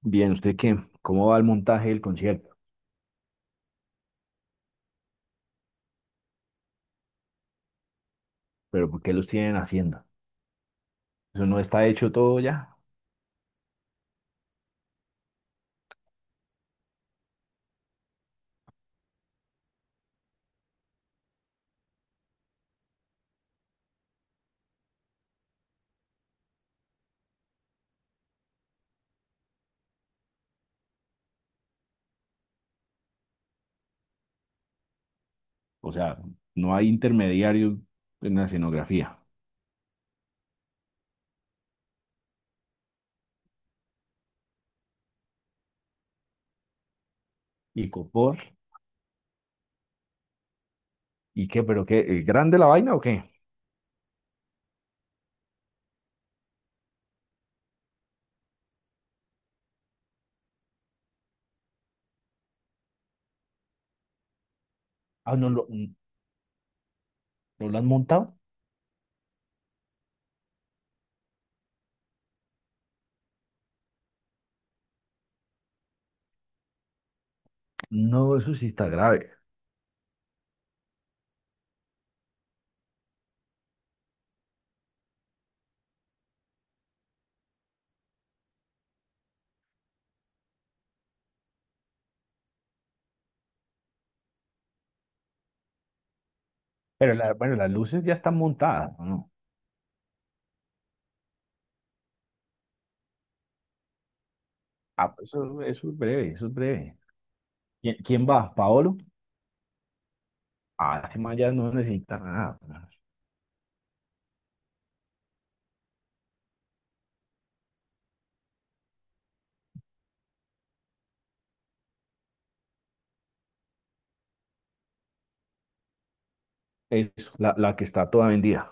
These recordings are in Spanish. Bien, ¿usted qué? ¿Cómo va el montaje del concierto? ¿Pero por qué los tienen haciendo? ¿Eso no está hecho todo ya? O sea, no hay intermediarios en la escenografía. ¿Y copor? ¿Y qué? ¿Pero qué? ¿Es grande la vaina o qué? Ah, ¿no lo han montado? No, eso sí está grave. Pero bueno, las luces ya están montadas, ¿o no? Ah, pues eso es breve, eso es breve. ¿Quién va? ¿Paolo? Ah, ese man ya no necesita nada. Eso la que está toda vendida.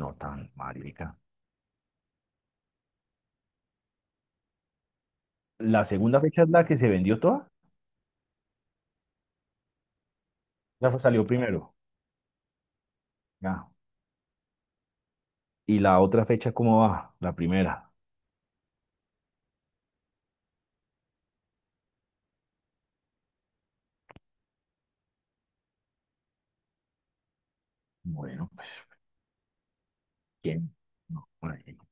No tan marica. ¿La segunda fecha es la que se vendió toda? Salió primero. Ya. ¿Y la otra fecha cómo va? La primera. Bueno, pues, ¿quién? No, por ahí no.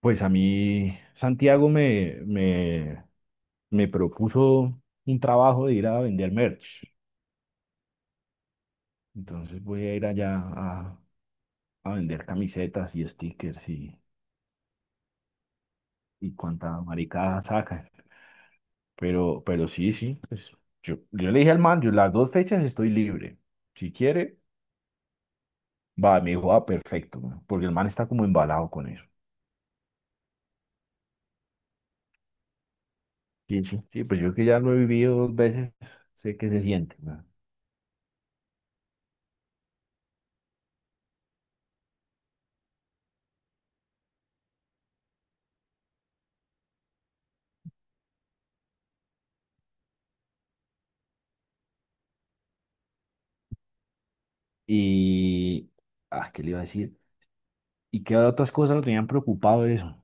Pues a mí, Santiago me propuso un trabajo de ir a vender merch. Entonces voy a ir allá a vender camisetas y stickers y cuanta maricada sacan. Pero sí, sí, pues yo le dije al man, yo las dos fechas estoy libre. Si quiere, va, me dijo, ah, perfecto, weón, porque el man está como embalado con eso. Sí, sí. Sí, pues yo que ya lo he vivido dos veces, sé qué se siente, weón. Y, ah, ¿qué le iba a decir? ¿Y qué otras cosas lo tenían preocupado de eso?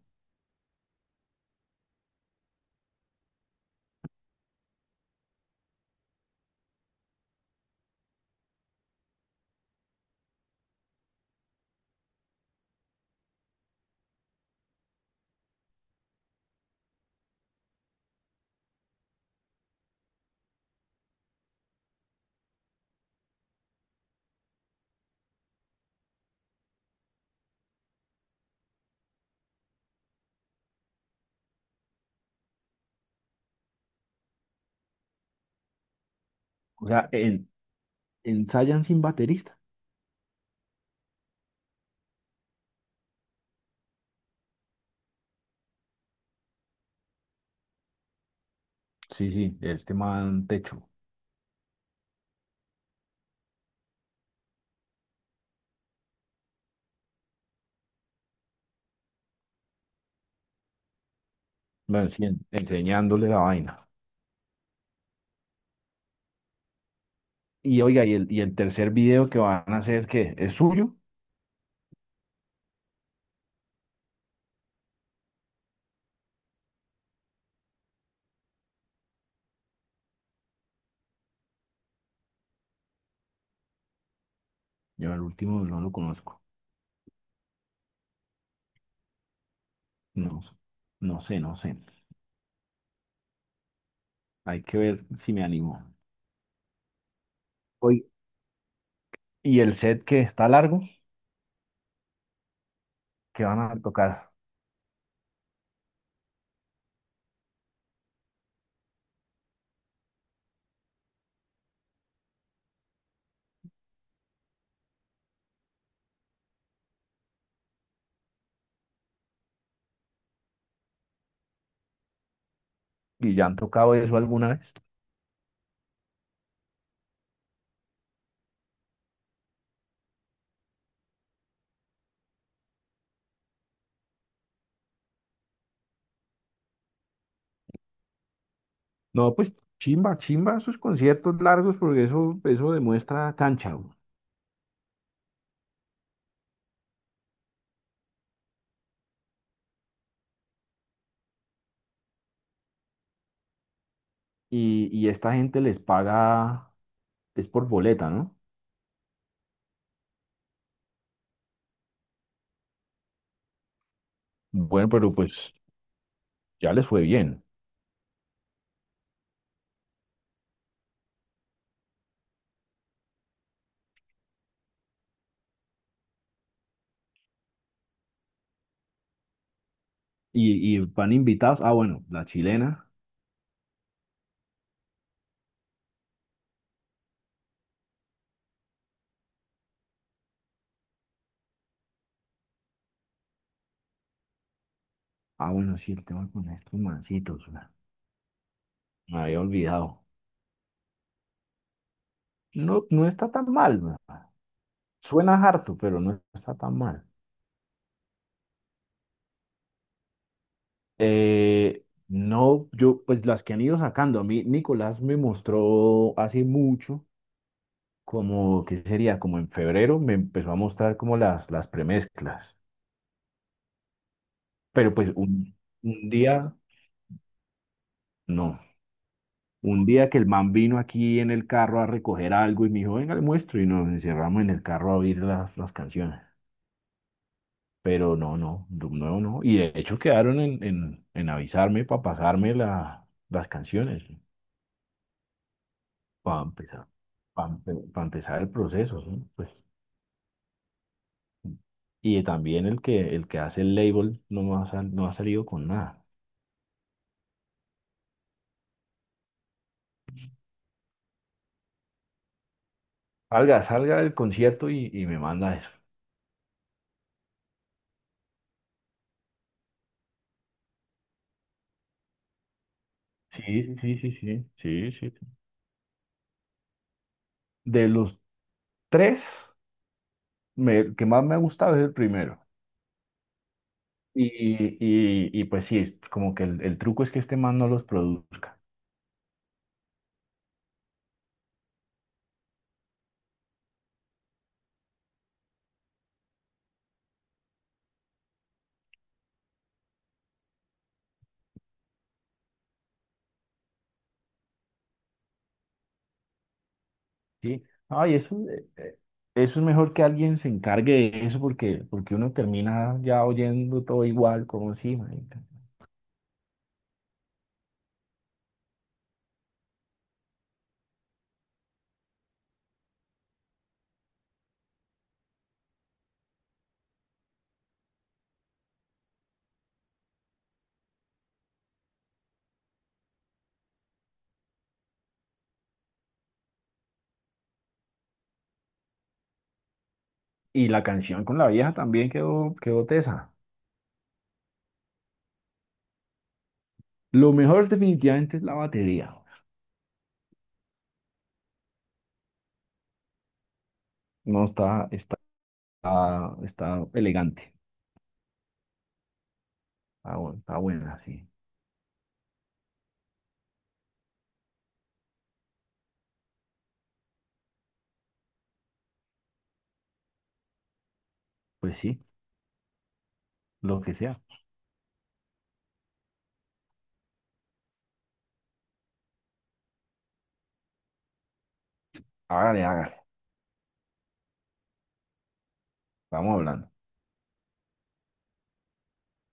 O sea, ensayan sin baterista. Sí, sí, este man techo, bueno, sí, enseñándole la vaina. Y oiga, ¿y el tercer video que van a hacer, qué? ¿Es suyo? Yo el último no lo conozco. No, sé- no sé, no sé. Hay que ver si me animo. Y el set que está largo, que van a tocar. ¿Y ya han tocado eso alguna vez? No, pues chimba, chimba sus conciertos largos porque eso demuestra cancha, güey. Y esta gente les paga, es por boleta, ¿no? Bueno, pero pues ya les fue bien. Y van invitados. Ah, bueno, la chilena. Ah, bueno, sí, el tema con estos mancitos, güey. Me había olvidado. No, no está tan mal, güey. Suena harto, pero no está tan mal. No, yo, pues las que han ido sacando, a mí Nicolás me mostró hace mucho, como, ¿qué sería? Como en febrero me empezó a mostrar como las premezclas, pero pues un día, no, un día que el man vino aquí en el carro a recoger algo y me dijo, venga, le muestro, y nos encerramos en el carro a oír las canciones, pero no, no, de nuevo no, y de hecho quedaron en avisarme para pasarme las canciones. Para empezar, para empezar el proceso, ¿sí? Pues, y también el que hace el label no ha salido con nada. Salga, salga del concierto y me manda eso. Sí, sí, sí, sí, sí, sí, sí. De los tres, el que más me ha gustado es el primero. Y, y pues sí, es como que el truco es que este man no los produzca. Sí. Ay, eso, eso es mejor que alguien se encargue de eso porque, porque uno termina ya oyendo todo igual, como si, y la canción con la vieja también quedó, quedó tesa. Lo mejor definitivamente es la batería. No está, está, está elegante. Está, está buena, sí. Pues sí, lo que sea. Hágale, hágale. Estamos hablando.